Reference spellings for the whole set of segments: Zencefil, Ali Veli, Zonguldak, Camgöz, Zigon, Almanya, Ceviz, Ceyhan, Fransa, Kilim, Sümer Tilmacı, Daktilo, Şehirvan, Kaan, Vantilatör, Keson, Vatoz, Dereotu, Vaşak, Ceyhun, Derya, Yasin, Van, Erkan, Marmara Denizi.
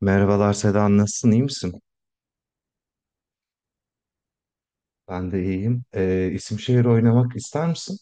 Merhabalar Seda, nasılsın? İyi misin? Ben de iyiyim. İsim şehir oynamak ister misin?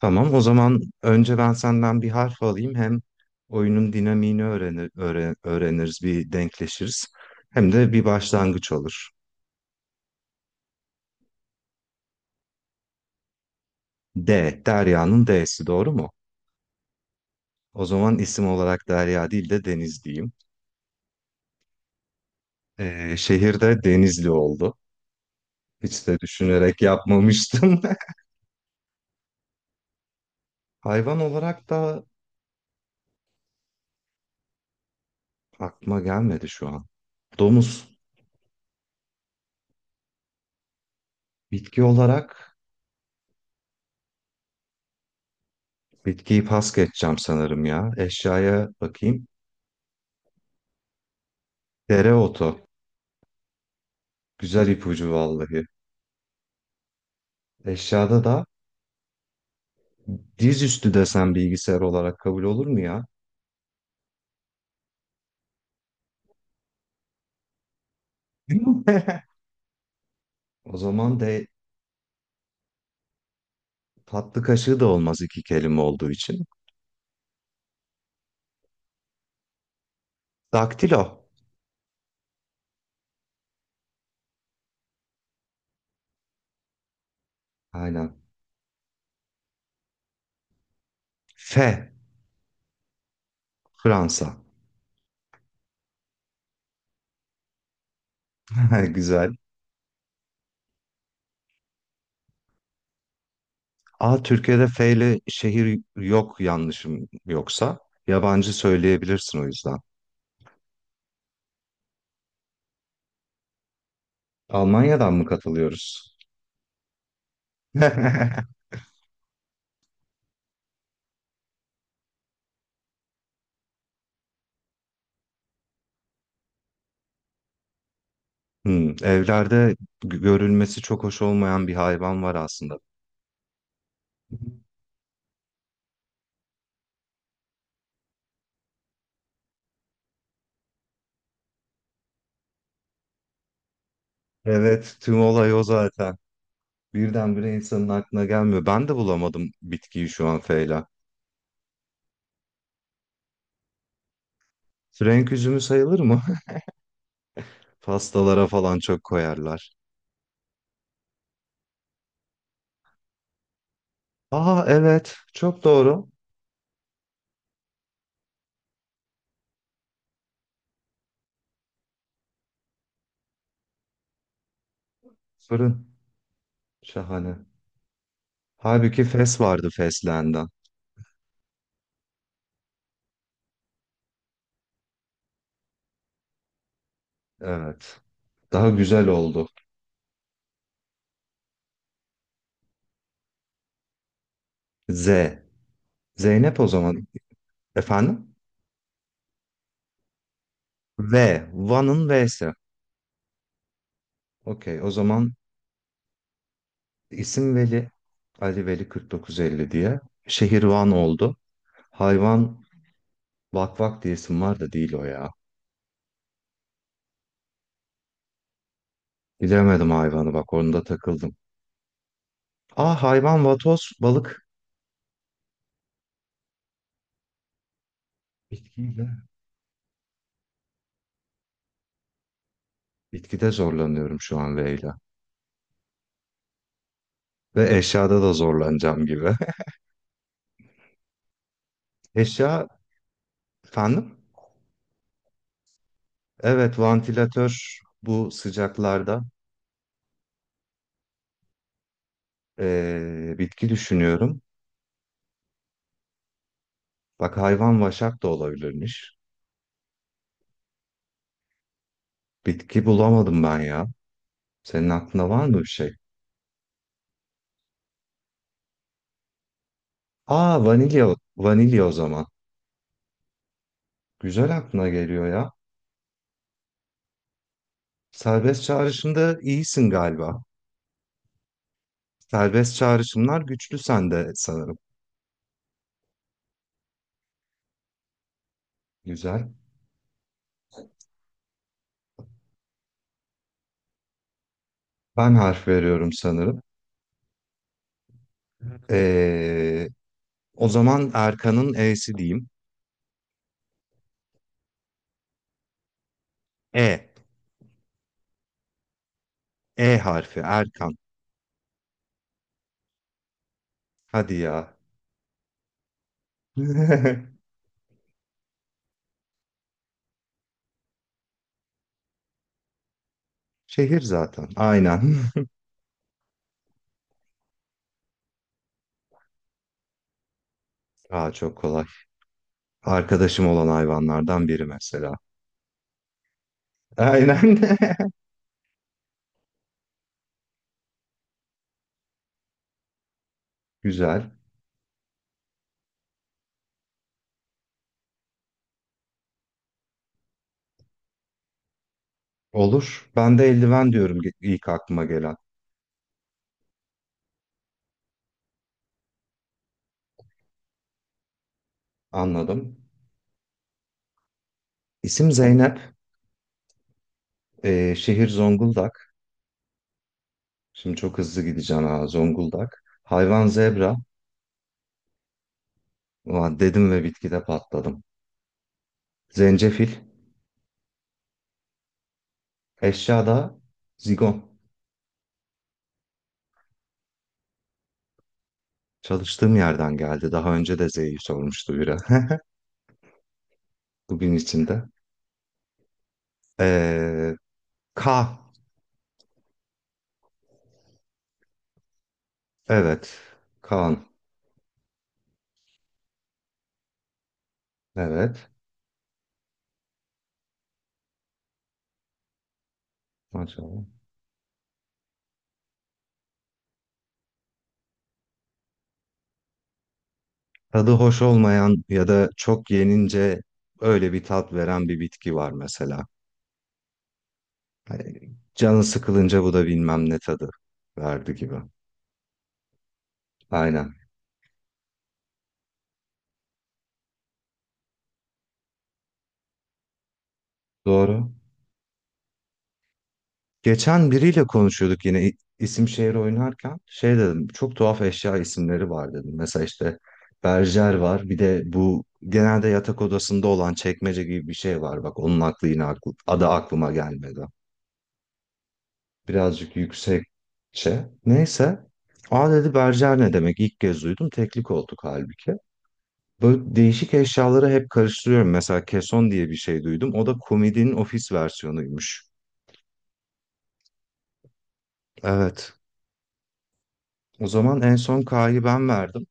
Tamam, o zaman önce ben senden bir harf alayım. Hem oyunun dinamiğini öğreniriz, bir denkleşiriz. Hem de bir başlangıç olur. D, Derya'nın D'si doğru mu? O zaman isim olarak Derya değil de Deniz diyeyim. Şehir de Denizli oldu. Hiç de düşünerek yapmamıştım. Hayvan olarak da aklıma gelmedi şu an. Domuz. Bitki olarak. Bitkiyi pas geçeceğim sanırım ya. Eşyaya bakayım. Dereotu. Güzel ipucu vallahi. Eşyada da dizüstü desem bilgisayar olarak kabul olur mu ya? O zaman de tatlı kaşığı da olmaz iki kelime olduğu için. Daktilo. Aynen. F. Fransa. Güzel. A. Türkiye'de F ile şehir yok yanlışım yoksa. Yabancı söyleyebilirsin o yüzden. Almanya'dan mı katılıyoruz? Evlerde görülmesi çok hoş olmayan bir hayvan var aslında. Evet, tüm olay o zaten. Birdenbire insanın aklına gelmiyor. Ben de bulamadım bitkiyi şu an Feyla. Frenk üzümü sayılır mı? Pastalara falan çok koyarlar. Aa evet, çok doğru. Fırın. Şahane. Halbuki fes vardı feslenden. Evet. Daha güzel oldu. Z. Zeynep o zaman. Efendim? V. Van'ın V'si. Okey, o zaman İsim Veli, Ali Veli 4950 diye. Şehirvan oldu. Hayvan Vak Vak diye isim var da değil o ya. Bilemedim hayvanı bak onda takıldım. Aa hayvan vatoz, balık. Bitkiyle. Bitkide zorlanıyorum şu an V ile. Ve eşyada da zorlanacağım gibi. Eşya efendim? Evet vantilatör bu sıcaklarda. Bitki düşünüyorum. Bak hayvan vaşak da olabilirmiş. Bitki bulamadım ben ya. Senin aklında var mı bir şey? Aa vanilya, vanilya o zaman. Güzel aklına geliyor ya. Serbest çağrışımda iyisin galiba. Serbest çağrışımlar güçlü sende sanırım. Güzel. Ben harf veriyorum sanırım. Ee, o zaman Erkan'ın E'si diyeyim. E. E harfi Erkan. Hadi ya. Şehir zaten. Aynen. Aa çok kolay. Arkadaşım olan hayvanlardan biri mesela. Aynen. Güzel. Olur. Ben de eldiven diyorum ilk aklıma gelen. Anladım. İsim Zeynep. Şehir Zonguldak. Şimdi çok hızlı gideceğim ha Zonguldak. Hayvan zebra. Ulan dedim ve bitkide patladım. Zencefil. Eşya da zigon. Çalıştığım yerden geldi. Daha önce de Z'yi sormuştu biri. Bugün içinde. Ee, K. Evet. Kaan. Evet. Maşallah. Tadı hoş olmayan ya da çok yenince öyle bir tat veren bir bitki var mesela. Hani canı sıkılınca bu da bilmem ne tadı verdi gibi. Aynen. Doğru. Geçen biriyle konuşuyorduk yine isim şehir oynarken. Şey dedim, çok tuhaf eşya isimleri var dedim. Mesela işte berjer var. Bir de bu genelde yatak odasında olan çekmece gibi bir şey var. Bak onun adı aklıma gelmedi. Birazcık yüksekçe. Neyse. Aa dedi berjer ne demek? İlk kez duydum. Teklik olduk halbuki. Böyle değişik eşyaları hep karıştırıyorum. Mesela keson diye bir şey duydum. O da komedinin ofis versiyonuymuş. Evet. O zaman en son K'yı ben verdim.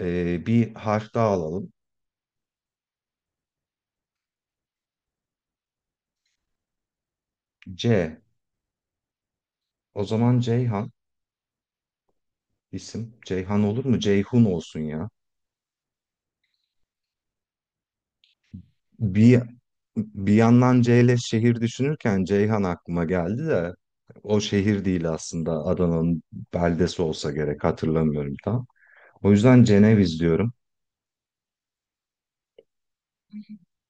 Bir harf daha alalım. C. O zaman Ceyhan isim. Ceyhan olur mu? Ceyhun olsun ya. Bir bir yandan C ile şehir düşünürken Ceyhan aklıma geldi de o şehir değil aslında Adana'nın beldesi olsa gerek hatırlamıyorum tam. O yüzden Ceneviz diyorum.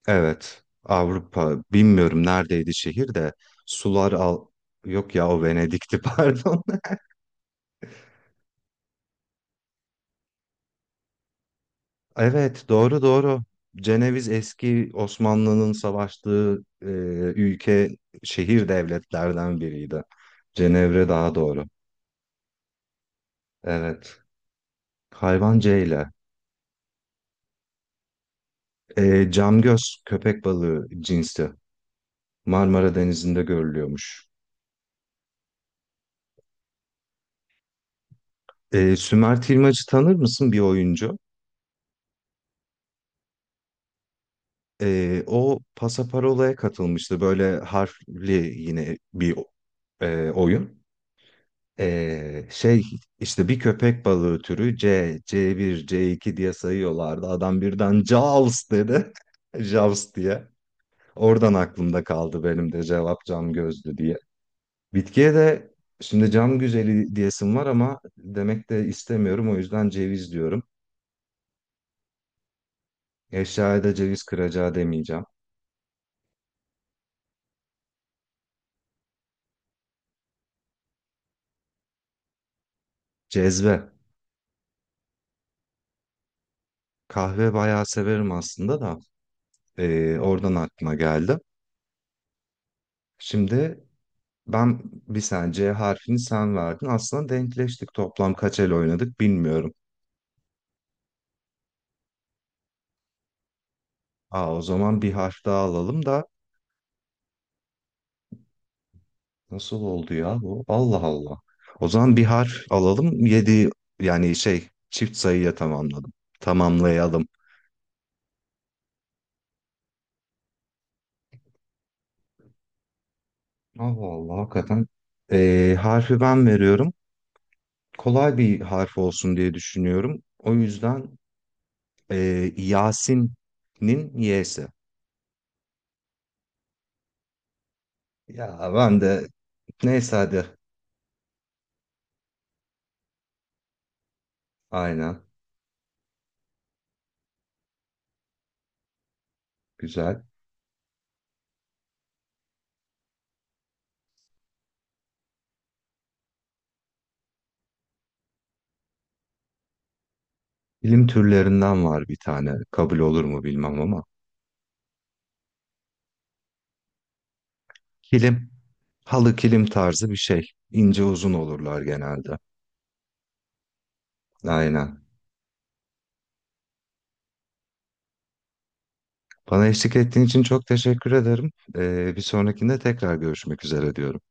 Evet, Avrupa bilmiyorum neredeydi şehir de sular al yok ya o Venedik'ti pardon. Evet doğru doğru. Ceneviz eski Osmanlı'nın savaştığı e, ülke şehir devletlerden biriydi. Cenevre daha doğru. Evet. Hayvan C ile. Camgöz köpek balığı cinsi. Marmara Denizi'nde görülüyormuş. Sümer Tilmacı tanır mısın bir oyuncu? O Pasaparola'ya katılmıştı. Böyle harfli yine bir oyun. Şey işte bir köpek balığı türü C, C1, C2 diye sayıyorlardı. Adam birden Jaws dedi. Jaws diye. Oradan aklımda kaldı benim de cevap cam gözlü diye. Bitkiye de şimdi cam güzeli diyesim var ama demek de istemiyorum. O yüzden ceviz diyorum. Eşyaya da ceviz kıracağı demeyeceğim. Cezve. Kahve bayağı severim aslında da. Oradan aklıma geldi. Şimdi ben bir sen C harfini sen verdin. Aslında denkleştik. Toplam kaç el oynadık bilmiyorum. Aa, o zaman bir harf daha alalım da nasıl oldu ya bu? Allah Allah. O zaman bir harf alalım. Yedi yani şey çift sayıya tamamladım. Tamamlayalım. Allah Allah hakikaten. Harfi ben veriyorum. Kolay bir harf olsun diye düşünüyorum. O yüzden Yasin'in Y'si. Ya ben de. Neyse hadi. Aynen. Güzel. Kilim türlerinden var bir tane. Kabul olur mu bilmem ama. Kilim. Halı kilim tarzı bir şey. İnce uzun olurlar genelde. Aynen. Bana eşlik ettiğin için çok teşekkür ederim. Bir sonrakinde tekrar görüşmek üzere diyorum.